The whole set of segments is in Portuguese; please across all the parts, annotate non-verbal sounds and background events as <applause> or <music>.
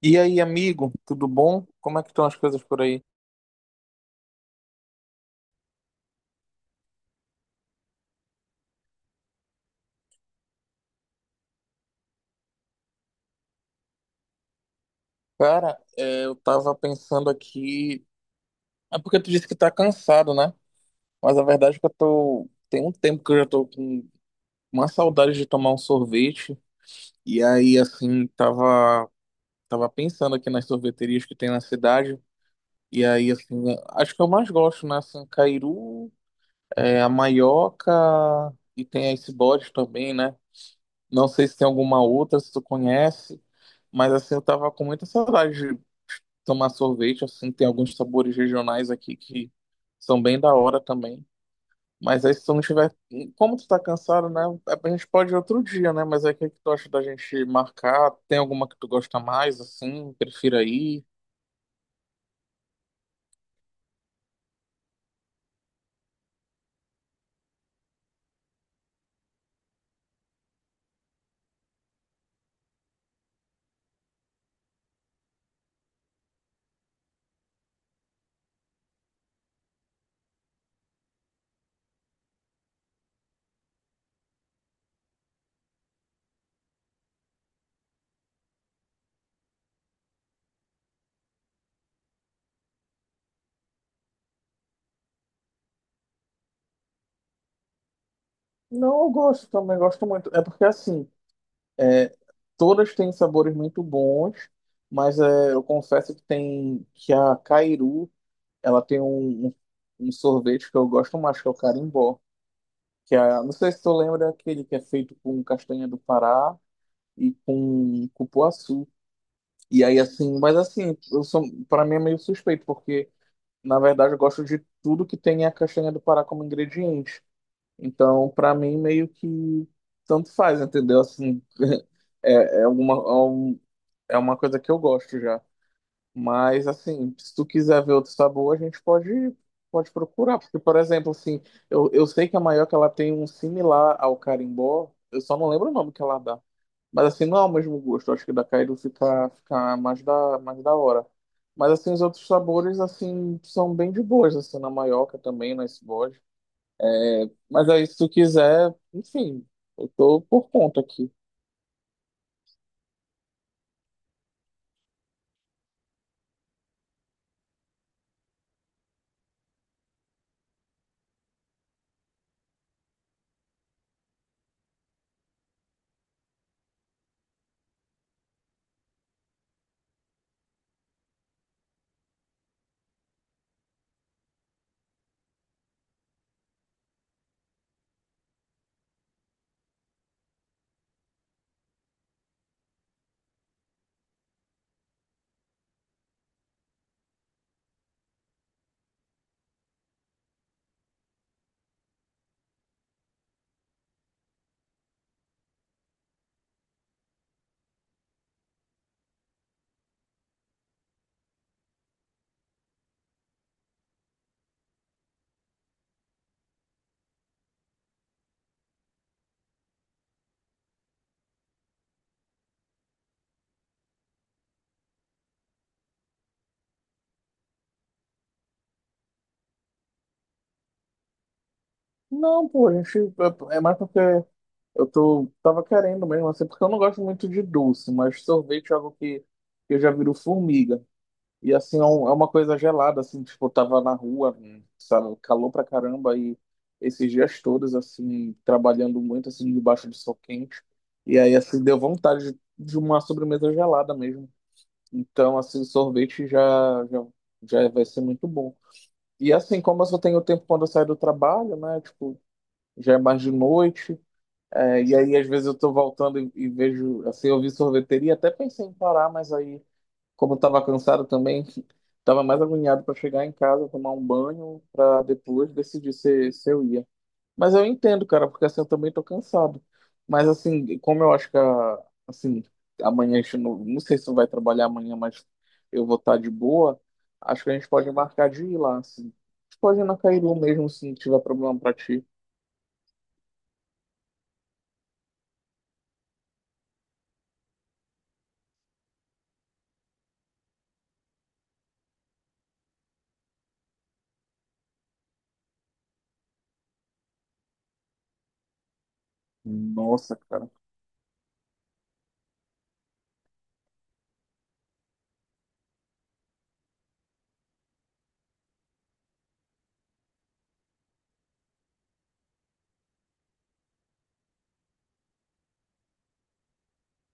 E aí, amigo, tudo bom? Como é que estão as coisas por aí? Cara, eu tava pensando aqui. É porque tu disse que tá cansado, né? Mas a verdade é que eu tô. Tem um tempo que eu já tô com uma saudade de tomar um sorvete. E aí, assim, tava pensando aqui nas sorveterias que tem na cidade. E aí, assim, acho que eu mais gosto, né? Assim, Cairu, a Maioca e tem a Icebox também, né? Não sei se tem alguma outra, se tu conhece, mas assim, eu tava com muita saudade de tomar sorvete, assim, tem alguns sabores regionais aqui que são bem da hora também. Mas aí se tu não tiver, como tu tá cansado, né, a gente pode ir outro dia, né, mas aí o que que tu acha da gente marcar? Tem alguma que tu gosta mais, assim, prefira ir? Não, eu gosto também, gosto muito. É porque assim, é, todas têm sabores muito bons, mas é, eu confesso que tem que a Cairu ela tem um sorvete que eu gosto mais, que é o carimbó. Que é, não sei se tu lembra é aquele que é feito com castanha do Pará e com cupuaçu. E aí, assim, mas assim, eu sou, para mim é meio suspeito, porque na verdade eu gosto de tudo que tem a castanha do Pará como ingrediente. Então, para mim, meio que tanto faz, entendeu? Assim, <laughs> é, é, uma, é um- é uma coisa que eu gosto já. Mas assim, se tu quiser ver outro sabor, a gente pode procurar. Porque, por exemplo, assim, eu sei que a Maioca ela tem um similar ao carimbó, eu só não lembro o nome que ela dá. Mas assim, não é o mesmo gosto. Eu acho que da Cairo fica mais mais da hora. Mas assim, os outros sabores, assim, são bem de boas, assim, na Maioca também, na esbode. Mas aí, se tu quiser, enfim, eu tô por conta aqui. Não, pô, a gente. É é mais porque. Eu tava querendo mesmo, assim, porque eu não gosto muito de doce, mas sorvete é algo que eu já viro formiga. E assim, é uma coisa gelada, assim, tipo, eu tava na rua, sabe, calor pra caramba, e esses dias todos, assim, trabalhando muito, assim, debaixo de sol quente. E aí, assim, deu vontade de uma sobremesa gelada mesmo. Então, assim, já, já vai ser muito bom. E assim, como eu só tenho tempo quando eu saio do trabalho, né, tipo, já é mais de noite. É, e aí, às vezes, eu tô voltando e vejo, assim, eu vi sorveteria, até pensei em parar, mas aí, como eu tava cansado também, <laughs> tava mais agoniado para chegar em casa, tomar um banho, para depois decidir se eu ia. Mas eu entendo, cara, porque assim, eu também tô cansado. Mas assim, como eu acho assim, amanhã a gente não sei se tu vai trabalhar amanhã, mas eu vou estar de boa, acho que a gente pode marcar de ir lá, assim. A gente pode ir na Cairu mesmo, se não tiver problema pra ti. Nossa, cara.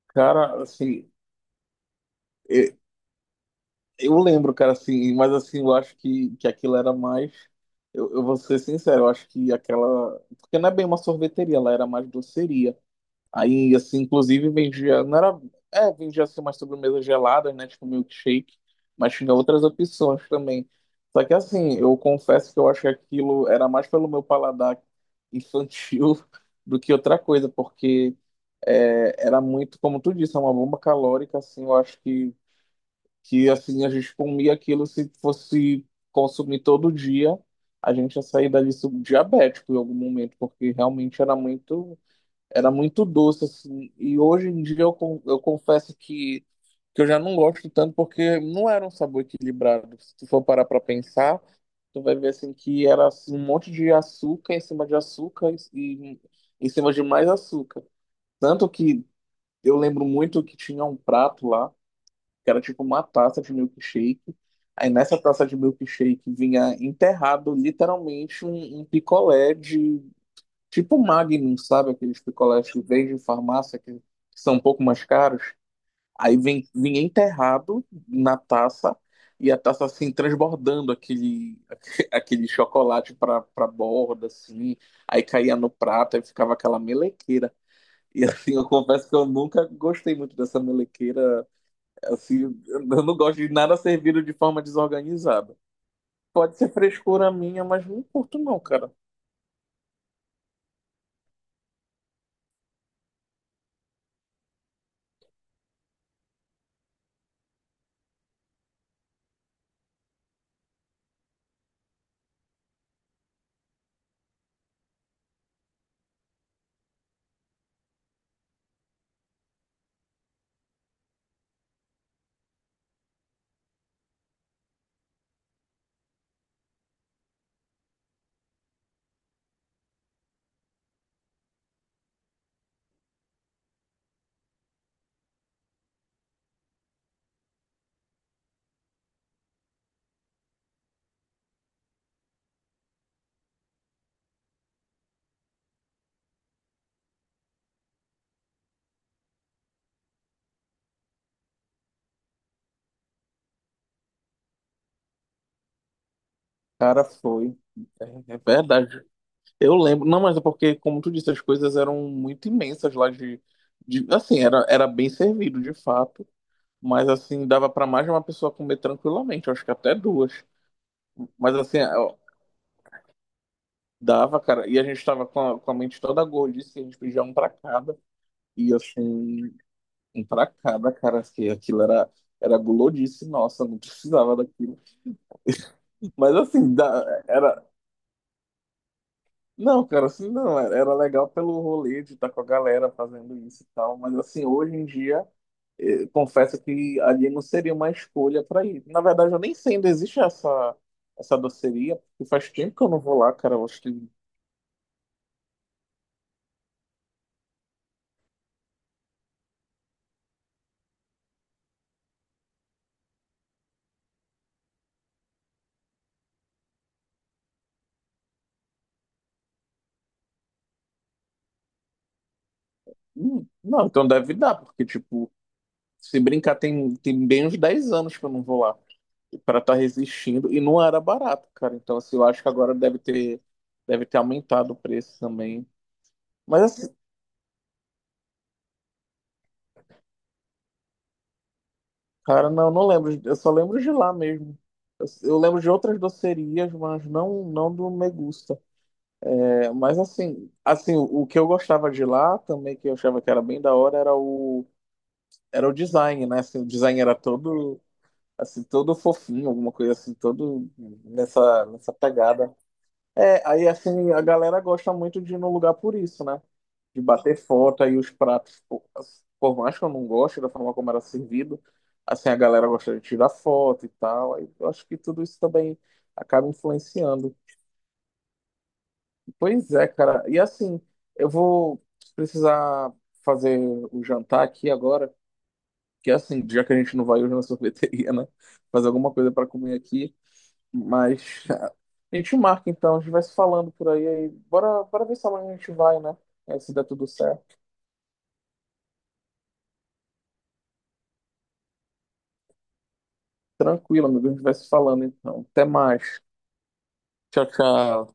Cara, assim, Eu, eu lembro, cara, assim, mas assim, eu acho que aquilo era mais. Eu vou ser sincero, eu acho que aquela. Porque não é bem uma sorveteria, ela era mais doceria. Aí, assim, inclusive vendia. Não era. É, vendia assim umas sobremesas geladas, né? Tipo milkshake. Mas tinha outras opções também. Só que, assim, eu confesso que eu acho que aquilo era mais pelo meu paladar infantil <laughs> do que outra coisa, porque é, era muito, como tu disse, é uma bomba calórica, assim, eu acho que assim a gente comia aquilo se fosse consumir todo dia, a gente ia sair dali subdiabético em algum momento, porque realmente era muito doce assim. E hoje em dia eu confesso que eu já não gosto tanto porque não era um sabor equilibrado. Se tu for parar para pensar, tu vai ver assim que era assim, um monte de açúcar em cima de açúcar e em cima de mais açúcar. Tanto que eu lembro muito que tinha um prato lá que era tipo uma taça de milkshake. Aí nessa taça de milkshake vinha enterrado literalmente um picolé de tipo Magnum, sabe? Aqueles picolés que vem de farmácia que são um pouco mais caros. Aí vinha enterrado na taça e a taça assim transbordando <laughs> aquele chocolate para borda assim. Aí caía no prato e ficava aquela melequeira. E assim, eu confesso que eu nunca gostei muito dessa melequeira. Assim, eu não gosto de nada servido de forma desorganizada. Pode ser frescura minha, mas não curto não, cara. Cara, foi. É, é verdade. Eu lembro. Não, mas é porque, como tu disse, as coisas eram muito imensas assim, era bem servido, de fato. Mas assim, dava pra mais de uma pessoa comer tranquilamente. Eu acho que até duas. Mas assim, é, ó, dava, cara. E a gente tava com com a mente toda gordice, a gente pedia um pra cada. E assim, um pra cada, cara, que era gulodice, nossa, não precisava daquilo. Mas assim, dá- era. Não, cara, assim não, era legal pelo rolê de estar com a galera fazendo isso e tal. Mas assim, hoje em dia, confesso que ali não seria uma escolha pra ir. Na verdade, eu nem sei, ainda existe essa doceria, porque faz tempo que eu não vou lá, cara. Eu acho que. Hum, não, então deve dar, porque, tipo, se brincar, tem bem uns 10 anos que eu não vou lá. Para estar resistindo e não era barato, cara. Então, assim, eu acho que agora deve ter aumentado o preço também. Mas assim, cara, não, não lembro, eu só lembro de lá mesmo. Eu lembro de outras docerias, mas não do Megusta. É, mas assim, o que eu gostava de lá também que eu achava que era bem da hora era o era o design, né? Assim, o design era todo assim, todo fofinho, alguma coisa assim, todo nessa pegada. É, aí assim, a galera gosta muito de ir no lugar por isso, né? De bater foto aí os pratos, por mais que eu não goste da forma como era servido, assim, a galera gosta de tirar foto e tal. Aí eu acho que tudo isso também acaba influenciando. Pois é, cara. E assim, eu vou precisar fazer o jantar aqui agora, que assim, já que a gente não vai hoje na sorveteria, né? Fazer alguma coisa para comer aqui. Mas a gente marca então, a gente vai se falando por aí, aí. Bora, bora ver se amanhã a gente vai, né? É, se der tudo certo. Tranquilo, amigo, a gente vai se falando então. Até mais. Tchau, tchau.